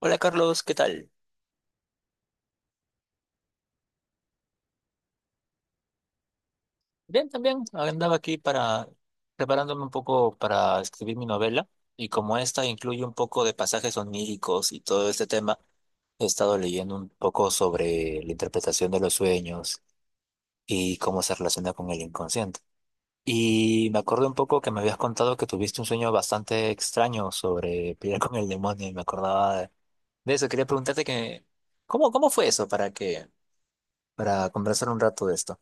Hola Carlos, ¿qué tal? Bien, también andaba aquí para preparándome un poco para escribir mi novela y como esta incluye un poco de pasajes oníricos y todo este tema, he estado leyendo un poco sobre la interpretación de los sueños y cómo se relaciona con el inconsciente. Y me acuerdo un poco que me habías contado que tuviste un sueño bastante extraño sobre pelear con el demonio y me acordaba de eso. Quería preguntarte que, ¿cómo fue eso para para conversar un rato de esto?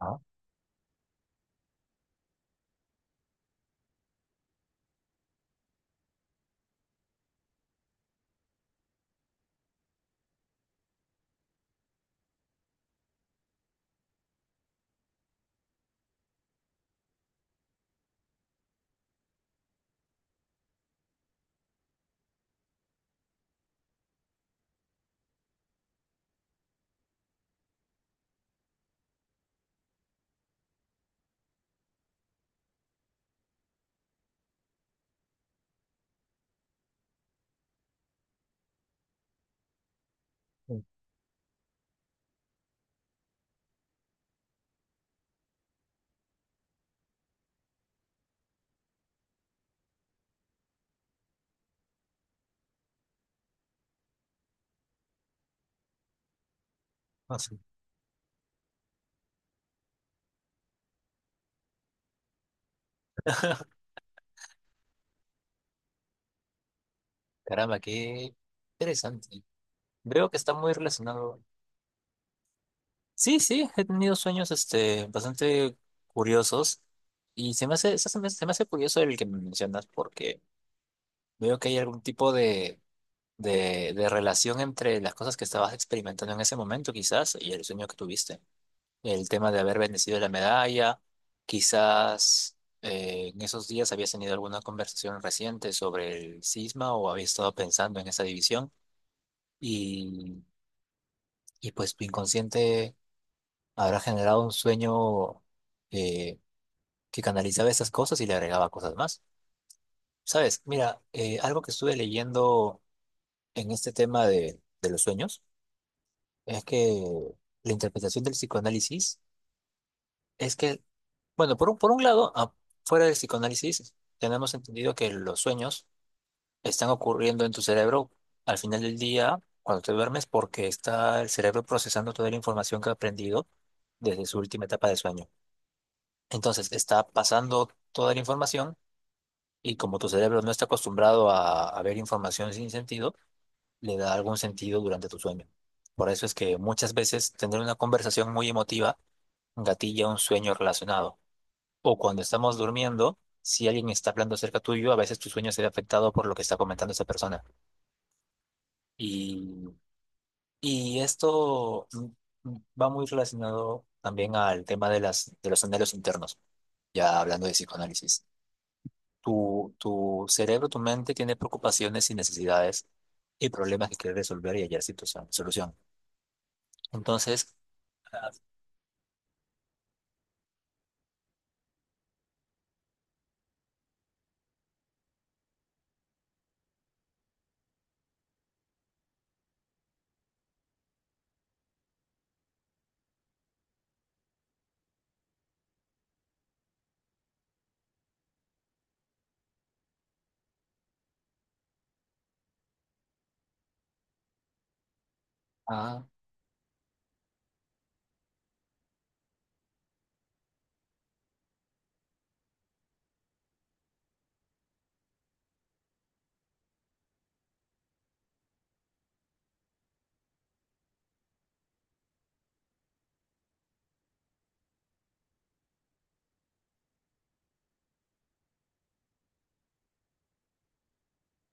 Ah, sí. Ah, sí. Caramba, qué interesante. Veo que está muy relacionado. Sí, sí, he tenido sueños este, bastante curiosos y se me hace, se me hace curioso el que me mencionas porque veo que hay algún tipo de relación entre las cosas que estabas experimentando en ese momento quizás y el sueño que tuviste. El tema de haber bendecido la medalla, quizás en esos días habías tenido alguna conversación reciente sobre el cisma o habías estado pensando en esa división. Y y pues tu inconsciente habrá generado un sueño eh, que canalizaba esas cosas y le agregaba cosas más. Sabes, mira, algo que estuve leyendo en este tema de los sueños es que la interpretación del psicoanálisis es que, bueno, por un lado, fuera del psicoanálisis, tenemos entendido que los sueños están ocurriendo en tu cerebro al final del día, cuando te duermes, porque está el cerebro procesando toda la información que ha aprendido desde su última etapa de sueño. Entonces está pasando toda la información y como tu cerebro no está acostumbrado a ver información sin sentido, le da algún sentido durante tu sueño. Por eso es que muchas veces tener una conversación muy emotiva gatilla un sueño relacionado. O cuando estamos durmiendo, si alguien está hablando cerca tuyo, a veces tu sueño se ve afectado por lo que está comentando esa persona. Y, y esto va muy relacionado también al tema de de los anhelos internos, ya hablando de psicoanálisis. Tu cerebro, tu mente tiene preocupaciones y necesidades y problemas que quiere resolver y hallar situación, solución. Entonces, ah, ah,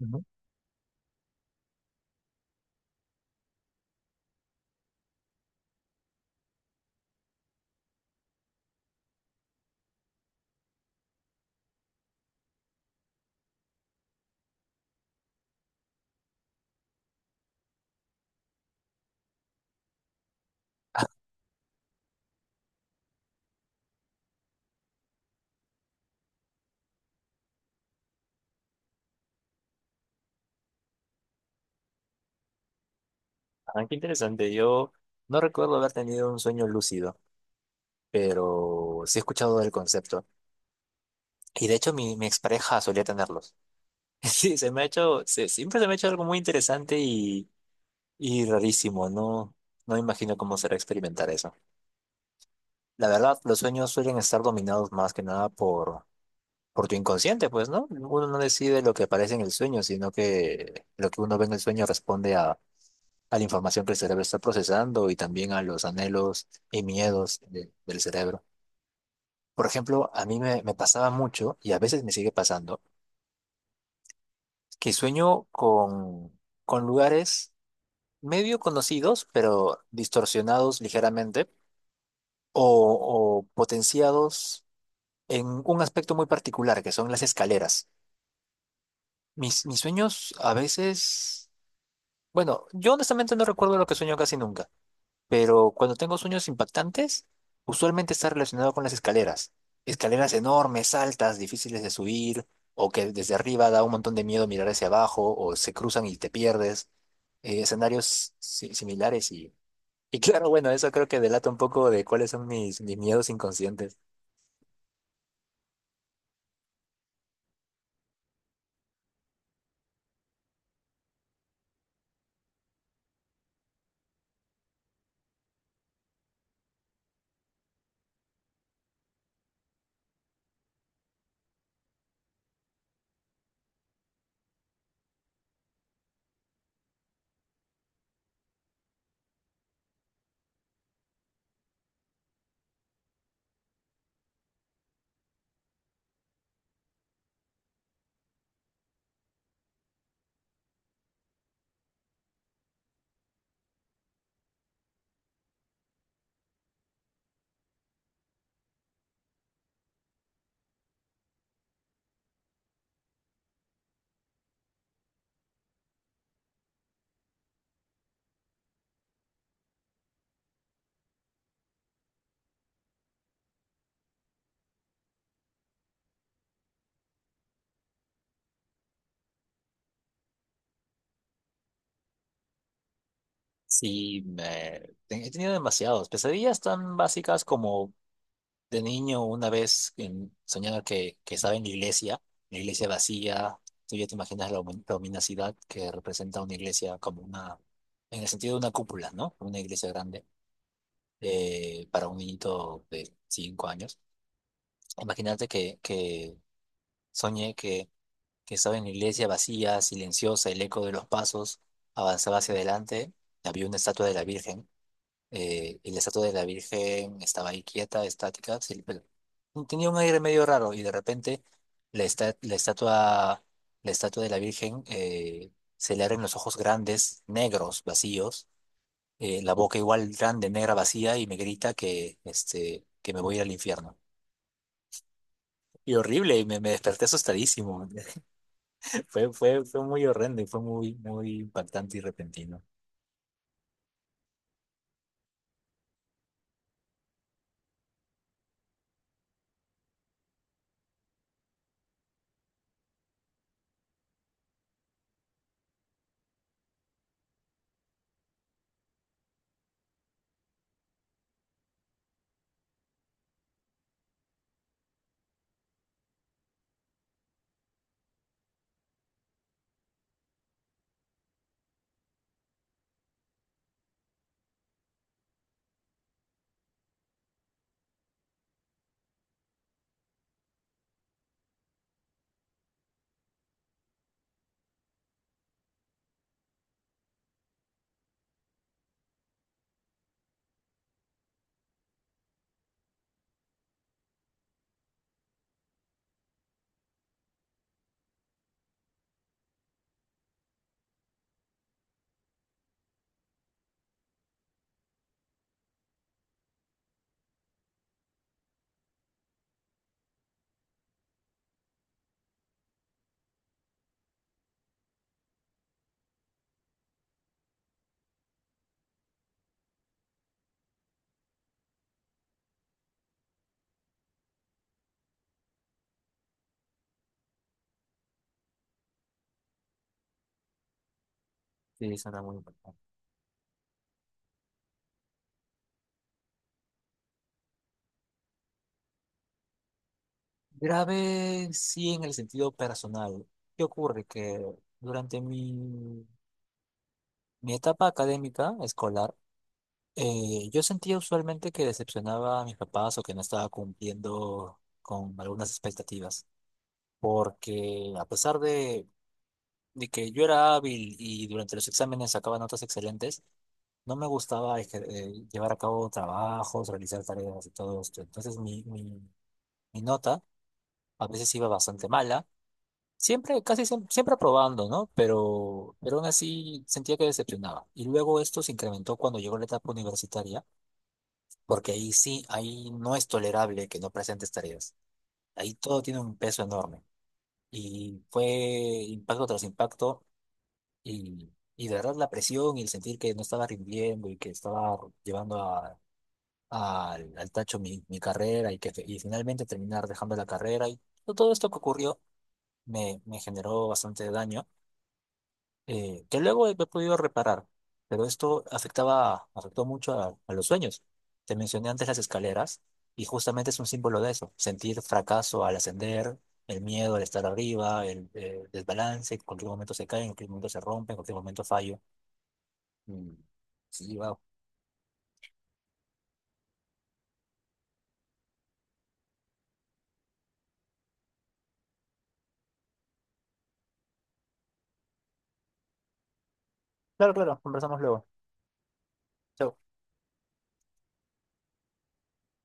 ujú. Ah, qué interesante. Yo no recuerdo haber tenido un sueño lúcido, pero sí he escuchado del concepto. Y de hecho, mi expareja solía tenerlos. Sí, se me ha hecho, se- siempre se me ha hecho algo muy interesante y rarísimo. No, no me imagino cómo será experimentar eso. La verdad, los sueños suelen estar dominados más que nada por tu inconsciente, pues, ¿no? Uno no decide lo que aparece en el sueño, sino que lo que uno ve en el sueño responde a la información que el cerebro está procesando y también a los anhelos y miedos de- del cerebro. Por ejemplo, a mí me pasaba mucho, y a veces me sigue pasando, que sueño con lugares medio conocidos, pero distorsionados ligeramente, o, o potenciados en un aspecto muy particular, que son las escaleras. Mis sueños a veces Bueno, yo honestamente no recuerdo lo que sueño casi nunca, pero cuando tengo sueños impactantes, usualmente está relacionado con las escaleras. Escaleras enormes, altas, difíciles de subir, o que desde arriba da un montón de miedo mirar hacia abajo, o se cruzan y te pierdes. Escenarios si- similares y claro, bueno, eso creo que delata un poco de cuáles son mis miedos inconscientes. Sí, he tenido demasiados. Pesadillas tan básicas como de niño, una vez soñaba que estaba en la iglesia vacía. Tú ya te imaginas la la luminosidad que representa una iglesia como una, en el sentido de una cúpula, ¿no? Una iglesia grande para un niñito de 5 años. Imagínate que soñé que estaba en la iglesia vacía, silenciosa, el eco de los pasos avanzaba hacia adelante. Había una estatua de la Virgen y la estatua de la Virgen estaba ahí quieta, estática, sí, pero tenía un aire medio raro y de repente la, esta- la estatua, la estatua de la Virgen se le abren los ojos grandes, negros, vacíos, la boca igual grande, negra, vacía y me grita que, este, que me voy a ir al infierno. Y horrible, me desperté asustadísimo. Fue muy horrendo y fue muy, muy impactante y repentino. Sí, eso era muy impactante. Grave sí en el sentido personal. ¿Qué ocurre? Que durante mi etapa académica escolar, yo sentía usualmente que decepcionaba a mis papás o que no estaba cumpliendo con algunas expectativas, porque a pesar de que yo era hábil y durante los exámenes sacaba notas excelentes, no me gustaba llevar a cabo trabajos, realizar tareas y todo esto. Entonces mi nota a veces iba bastante mala. Siempre, casi siempre, probando, ¿no? Pero aún así sentía que decepcionaba. Y luego esto se incrementó cuando llegó la etapa universitaria, porque ahí sí, ahí no es tolerable que no presentes tareas. Ahí todo tiene un peso enorme. Y fue impacto tras impacto y, y de verdad la presión y el sentir que no estaba rindiendo y que estaba llevando a- al, al tacho mi carrera y que y finalmente terminar dejando la carrera y todo esto que ocurrió me generó bastante daño. Que luego he podido reparar, pero esto afectó mucho a los sueños. Te mencioné antes las escaleras y justamente es un símbolo de eso, sentir fracaso al ascender, el miedo al estar arriba, el desbalance, en cualquier momento se cae, en cualquier momento se rompe, en cualquier momento fallo. Mm, Sí, wow. Claro, claro, conversamos luego. Chao.